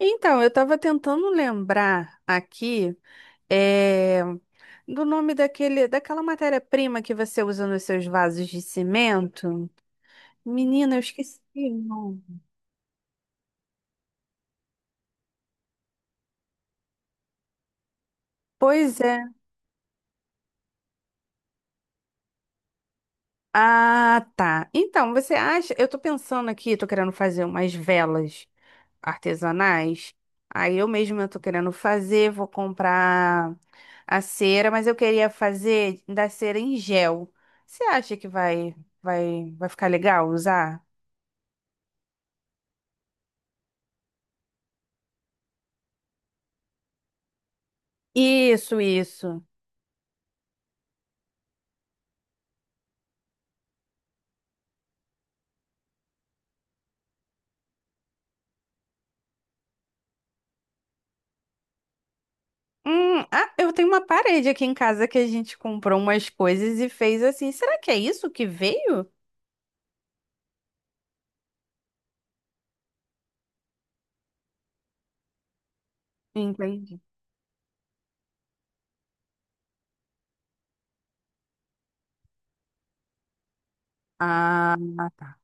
Então, eu estava tentando lembrar aqui eh, do nome daquele, daquela matéria-prima que você usa nos seus vasos de cimento. Menina, eu esqueci o nome. Pois é. Ah, tá. Então, você acha? Eu tô pensando aqui, tô querendo fazer umas velas artesanais. Aí eu mesma tô querendo fazer, vou comprar a cera, mas eu queria fazer da cera em gel. Você acha que vai, vai ficar legal usar? Isso, isso. Ah, eu tenho uma parede aqui em casa que a gente comprou umas coisas e fez assim. Será que é isso que veio? Entendi. Ah, tá.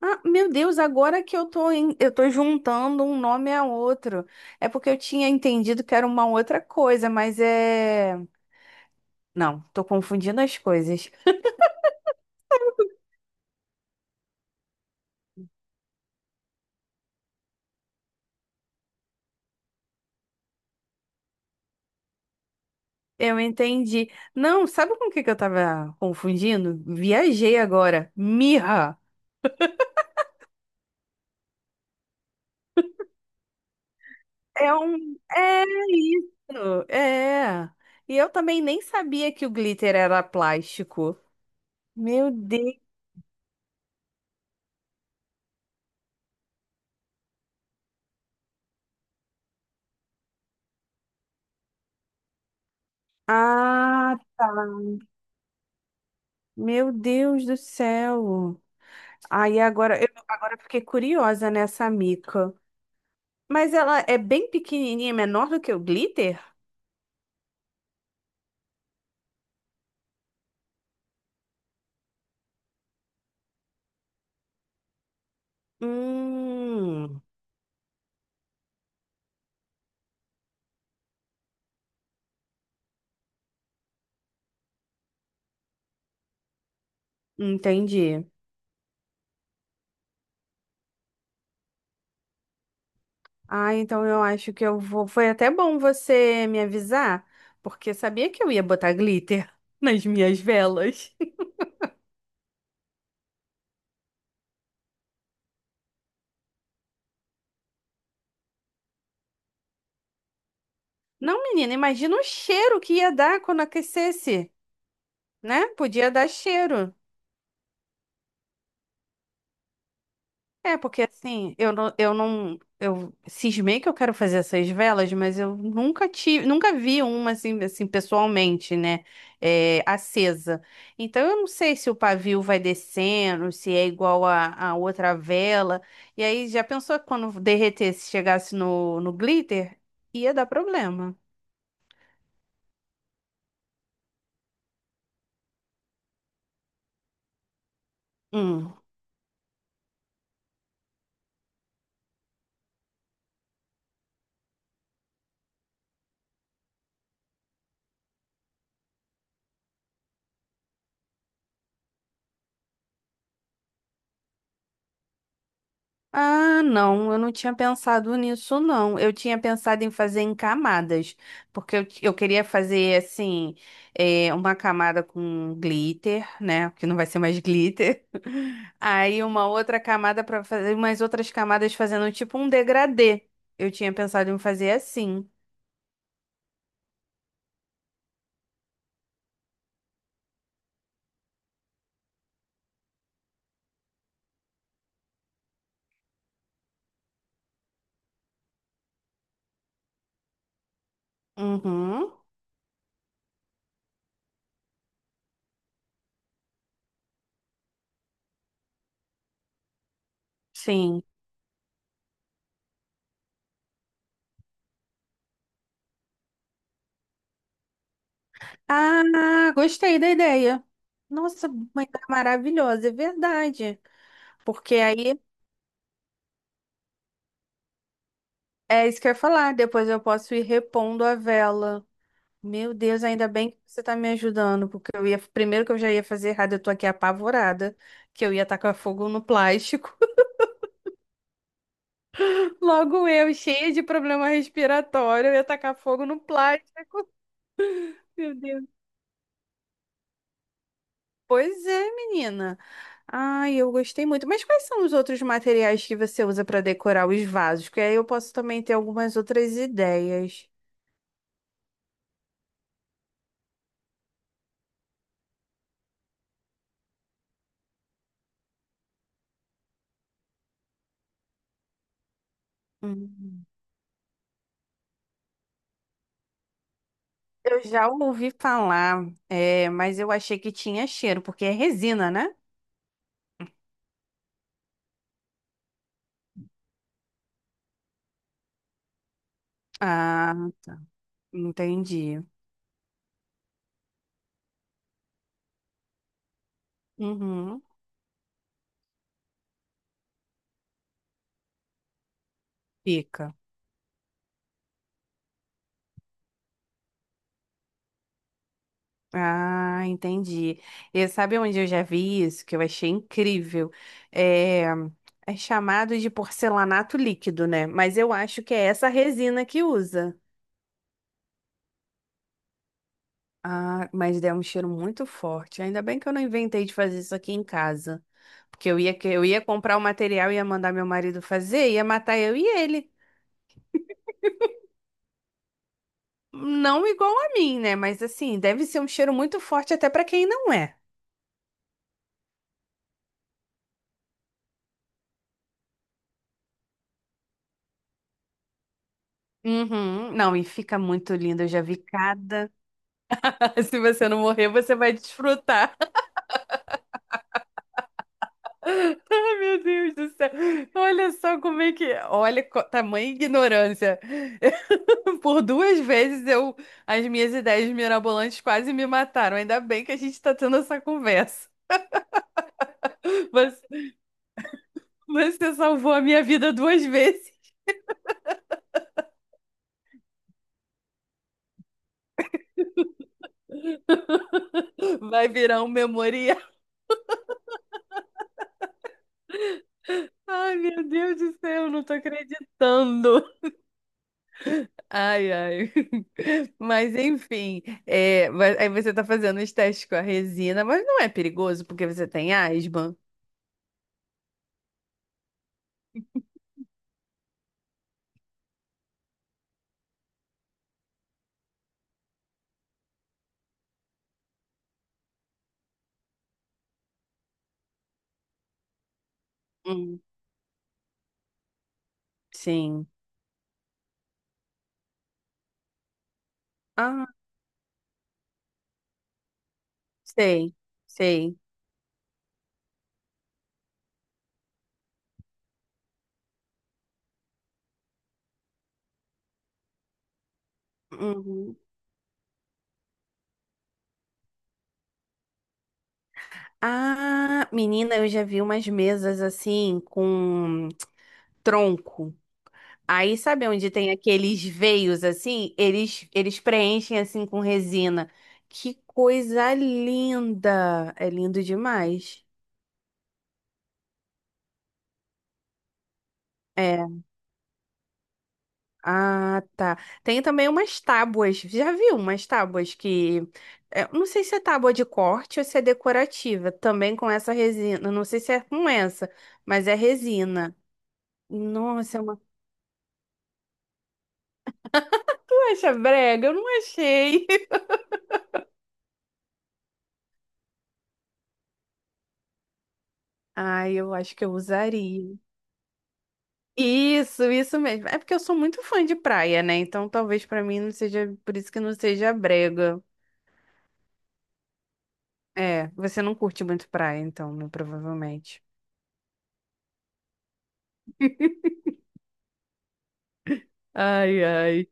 Ah, meu Deus, agora que eu tô juntando um nome a outro. É porque eu tinha entendido que era uma outra coisa, mas é. Não, tô confundindo as coisas. Eu entendi. Não, sabe com o que que eu tava confundindo? Viajei agora. Mirra. É um. É isso. É. E eu também nem sabia que o glitter era plástico. Meu Deus. Ah, meu Deus do céu. Aí agora eu fiquei curiosa nessa mica. Mas ela é bem pequenininha, menor do que o glitter? Hum, entendi. Ah, então eu acho que eu vou. Foi até bom você me avisar, porque sabia que eu ia botar glitter nas minhas velas. Não, menina, imagina o cheiro que ia dar quando aquecesse, né? Podia dar cheiro. É, porque assim, eu não, eu não, eu cismei que eu quero fazer essas velas, mas eu nunca tive, nunca vi uma assim, assim pessoalmente, né? É, acesa. Então eu não sei se o pavio vai descendo, se é igual a outra vela. E aí já pensou que quando derretesse, chegasse no glitter, ia dar problema. Hum. Ah, não, eu não tinha pensado nisso, não. Eu tinha pensado em fazer em camadas, porque eu queria fazer, assim, uma camada com glitter, né? Que não vai ser mais glitter. Aí uma outra camada para fazer, umas outras camadas fazendo tipo um degradê. Eu tinha pensado em fazer assim. Uhum, sim. Ah, gostei da ideia. Nossa, uma ideia maravilhosa, é verdade. Porque aí é isso que eu ia falar. Depois eu posso ir repondo a vela. Meu Deus, ainda bem que você tá me ajudando, porque eu ia, primeiro que eu já ia fazer errado, eu tô aqui apavorada, que eu ia tacar fogo no plástico. Logo eu, cheia de problema respiratório, eu ia tacar fogo no plástico. Meu Deus. Pois é, menina. Ai, eu gostei muito. Mas quais são os outros materiais que você usa para decorar os vasos? Que aí eu posso também ter algumas outras ideias. Hum. Eu já ouvi falar, é, mas eu achei que tinha cheiro, porque é resina, né? Ah, entendi. Uhum, fica. Ah, entendi. E sabe onde eu já vi isso, que eu achei incrível? É, é chamado de porcelanato líquido, né? Mas eu acho que é essa resina que usa. Ah, mas deu um cheiro muito forte. Ainda bem que eu não inventei de fazer isso aqui em casa. Porque eu ia, eu ia comprar o material, ia mandar meu marido fazer, ia matar eu e ele. Não igual a mim, né? Mas assim, deve ser um cheiro muito forte até pra quem não é. Uhum. Não, e fica muito lindo. Eu já vi cada. Se você não morrer, você vai desfrutar. Ai, meu Deus do céu. Olha só como é que. Olha, tamanha ignorância. Por duas vezes eu... as minhas ideias mirabolantes quase me mataram. Ainda bem que a gente está tendo essa conversa. Você, você salvou a minha vida duas vezes. Vai virar um memorial. Ai, meu Deus do céu, não tô acreditando. Ai, ai. Mas enfim, é, mas aí você tá fazendo os testes com a resina, mas não é perigoso porque você tem asma? Hum, sim. Ah, sei, sei. Uhum. Ah, menina, eu já vi umas mesas assim com tronco. Aí sabe onde tem aqueles veios assim? Eles preenchem assim com resina. Que coisa linda! É lindo demais. É. Ah, tá. Tem também umas tábuas. Já viu umas tábuas que é, não sei se é tábua de corte ou se é decorativa, também com essa resina. Não sei se é com essa, mas é resina. Nossa, é uma. Tu acha brega? Eu não achei. Ai, eu acho que eu usaria. Isso mesmo. É porque eu sou muito fã de praia, né? Então talvez pra mim não seja, por isso que não seja brega. É, você não curte muito praia, então, né? Provavelmente. Ai, ai.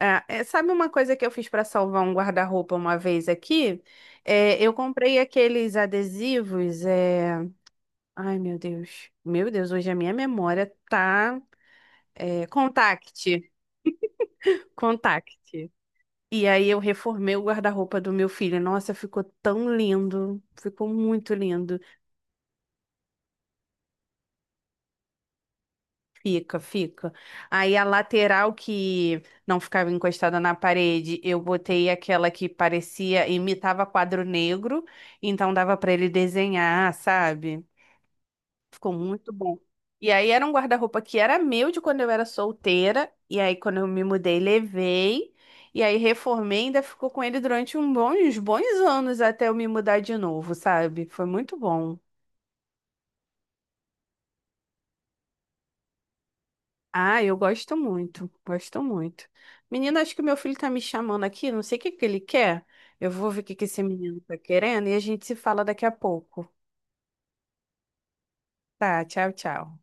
Ah, é, sabe uma coisa que eu fiz para salvar um guarda-roupa uma vez aqui? É, eu comprei aqueles adesivos. É... Ai, meu Deus. Meu Deus, hoje a minha memória tá. É... Contact. Contact. E aí eu reformei o guarda-roupa do meu filho. Nossa, ficou tão lindo. Ficou muito lindo. Fica, fica. Aí a lateral que não ficava encostada na parede, eu botei aquela que parecia, imitava quadro negro, então dava pra ele desenhar, sabe? Ficou muito bom. E aí era um guarda-roupa que era meu de quando eu era solteira. E aí quando eu me mudei, levei. E aí reformei, ainda ficou com ele durante um uns bons anos até eu me mudar de novo, sabe? Foi muito bom. Ah, eu gosto muito, gosto muito. Menina, acho que o meu filho tá me chamando aqui, não sei o que que ele quer. Eu vou ver o que que esse menino tá querendo e a gente se fala daqui a pouco. Tá, tchau, tchau.